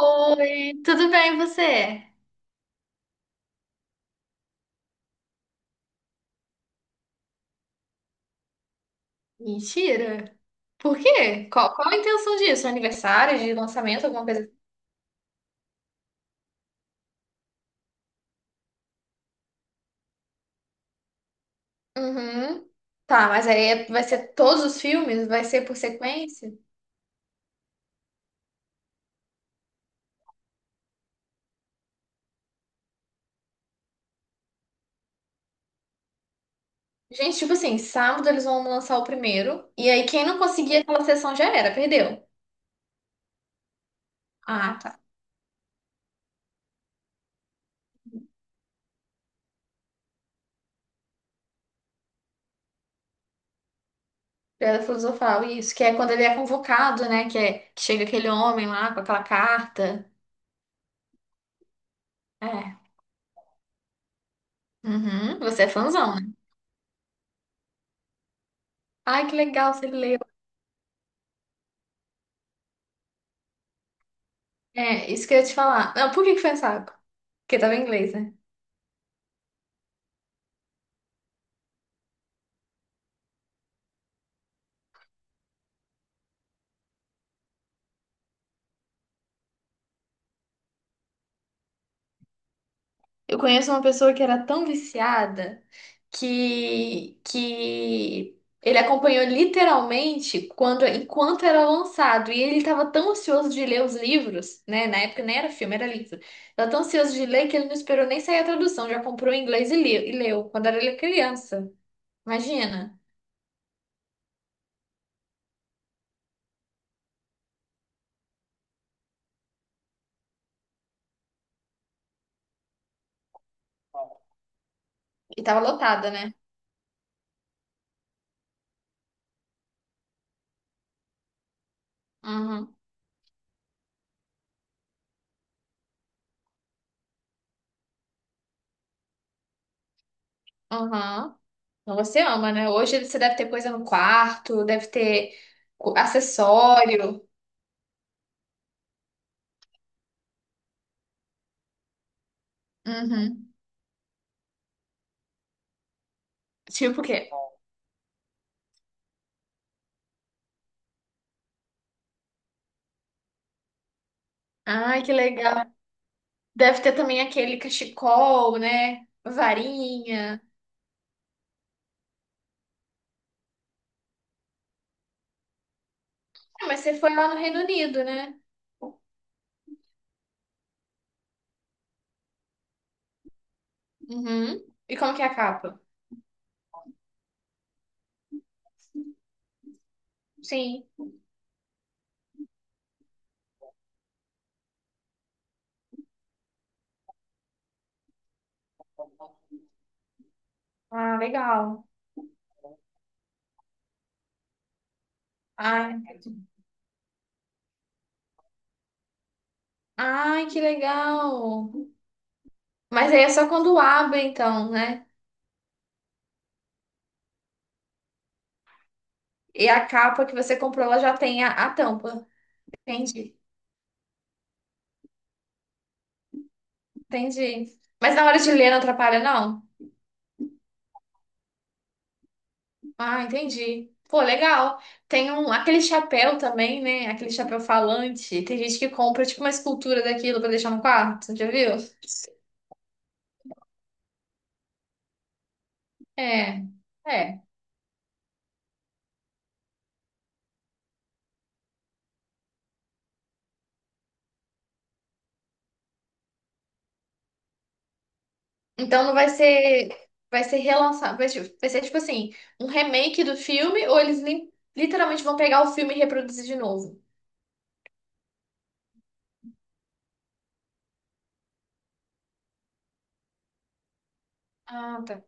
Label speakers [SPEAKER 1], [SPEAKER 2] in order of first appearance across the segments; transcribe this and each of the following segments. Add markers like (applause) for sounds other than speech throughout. [SPEAKER 1] Oi, tudo bem e você? Mentira. Por quê? Qual a intenção disso? Aniversário de lançamento, alguma coisa assim? Uhum. Tá, mas aí vai ser todos os filmes? Vai ser por sequência? Gente, tipo assim, sábado eles vão lançar o primeiro. E aí quem não conseguir aquela sessão já era, perdeu. Ah, tá. Pedra filosofal, isso. Que é quando ele é convocado, né? Que chega aquele homem lá com aquela carta. É. Uhum. Você é fãzão, né? Ai, que legal, você leu. É, isso que eu ia te falar. Não, por que que foi um saco? Porque tava em inglês, né? Eu conheço uma pessoa que era tão viciada que ele acompanhou literalmente quando, enquanto era lançado. E ele estava tão ansioso de ler os livros, né? Na época nem era filme, era livro. Tava tão ansioso de ler que ele não esperou nem sair a tradução, já comprou em inglês e leu, quando era ele criança. Imagina. E tava lotada, né? Uhum. Uhum. Então, você ama, né? Hoje você deve ter coisa no quarto, deve ter acessório. Uhum. Tipo o quê? Ai, que legal. Deve ter também aquele cachecol, né? Varinha. Ah, mas você foi lá no Reino Unido, né? Uhum. E como que é a capa? Sim. Ah, legal. Ai, ai, que legal. Mas aí é só quando abre, então, né? E a capa que você comprou, ela já tem a tampa. Entendi, entendi. Mas na hora de ler não atrapalha, não? Ah, entendi. Pô, legal. Tem um, aquele chapéu também, né? Aquele chapéu falante. Tem gente que compra tipo uma escultura daquilo pra deixar no quarto, já viu? É, é. Então não vai ser, vai ser relançado, vai ser, tipo assim, um remake do filme ou eles literalmente vão pegar o filme e reproduzir de novo? Ah, tá.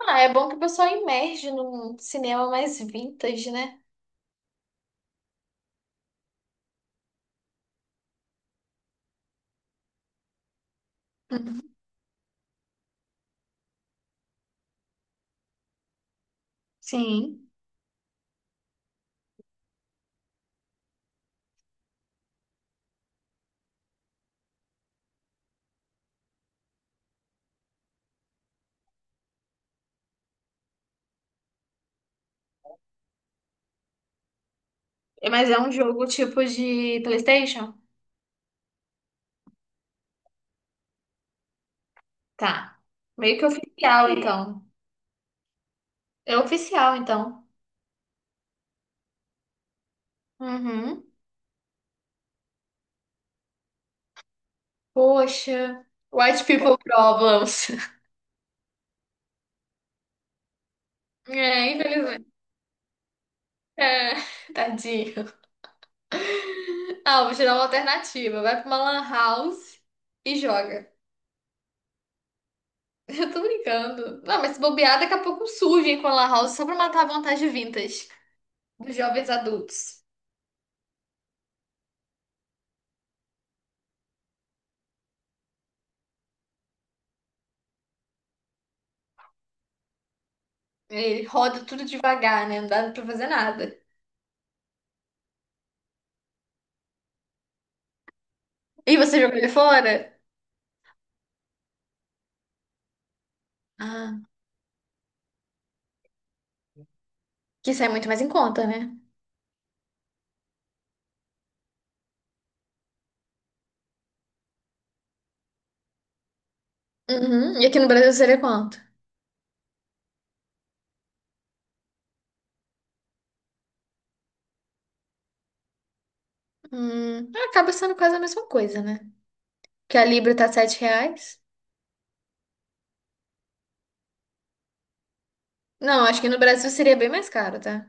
[SPEAKER 1] Ah, é bom que o pessoal emerge num cinema mais vintage, né? Uhum. Sim. É, mas é um jogo tipo de PlayStation? Tá. Meio que oficial, então. É oficial, então. Uhum. Poxa. White people problems. (laughs) É, infelizmente. É, (laughs) tadinho. Ah, vou te dar uma alternativa. Vai pra uma lan house e joga. (laughs) Eu tô brincando. Não, mas se bobear, daqui a pouco surgem com a lan house só pra matar a vontade vintage dos jovens adultos. Ele roda tudo devagar, né? Não dá pra fazer nada. E você jogou ele fora? Ah, que isso é muito mais em conta, né? Uhum. E aqui no Brasil seria quanto? É, acaba sendo quase a mesma coisa, né? Que a Libra tá 7 reais. Não, acho que no Brasil seria bem mais caro, tá?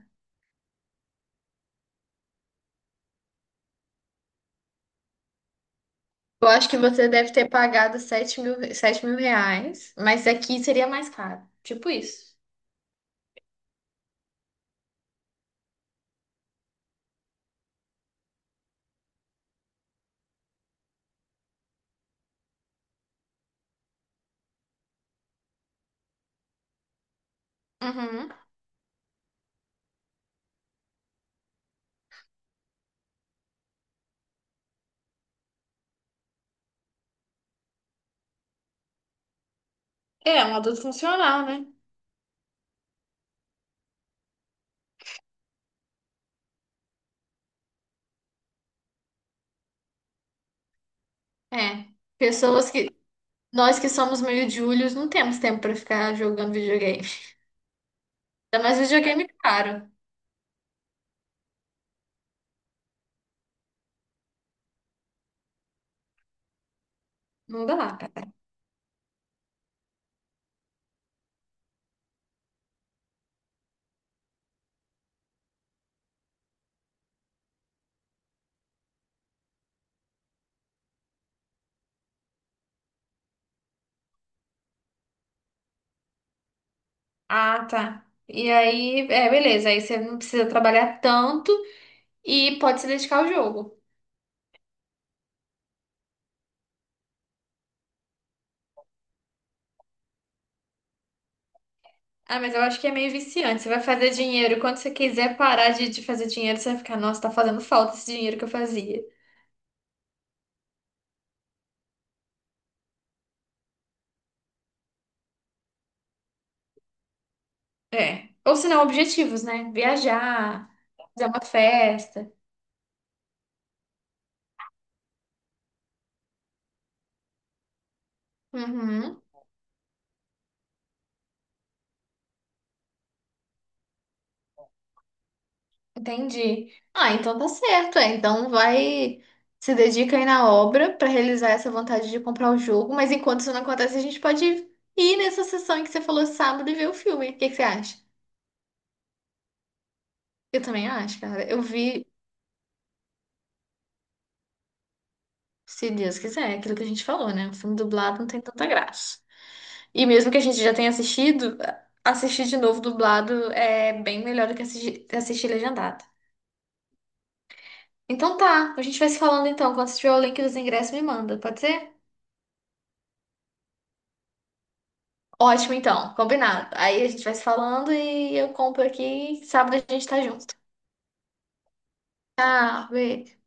[SPEAKER 1] Eu acho que você deve ter pagado 7 mil, 7 mil reais, mas aqui seria mais caro. Tipo isso. Uhum. É, um adulto funcional, né? É. Pessoas que. Nós que somos meio júlios, não temos tempo pra ficar jogando videogame. Ainda mais videogame caro. Não dá, cara. Ah, tá. E aí, é, beleza. Aí você não precisa trabalhar tanto e pode se dedicar ao jogo. Ah, mas eu acho que é meio viciante. Você vai fazer dinheiro. Quando você quiser parar de fazer dinheiro, você vai ficar, nossa, tá fazendo falta esse dinheiro que eu fazia. É. Ou se não, objetivos, né? Viajar, fazer uma festa. Uhum, entendi. Ah, então tá certo. É. Então vai, se dedica aí na obra pra realizar essa vontade de comprar o jogo. Mas enquanto isso não acontece, a gente pode ir nessa sessão em que você falou sábado e ver o filme. O que que você acha? Eu também acho, cara. Eu vi. Se Deus quiser, é aquilo que a gente falou, né? O filme dublado não tem tanta graça. E mesmo que a gente já tenha assistido, assistir de novo dublado é bem melhor do que assistir, assistir legendado. Então tá, a gente vai se falando então. Quando tiver o link dos ingressos, me manda, pode ser? Ótimo, então, combinado. Aí a gente vai se falando e eu compro aqui. E sábado a gente tá junto. Tchau, beijo.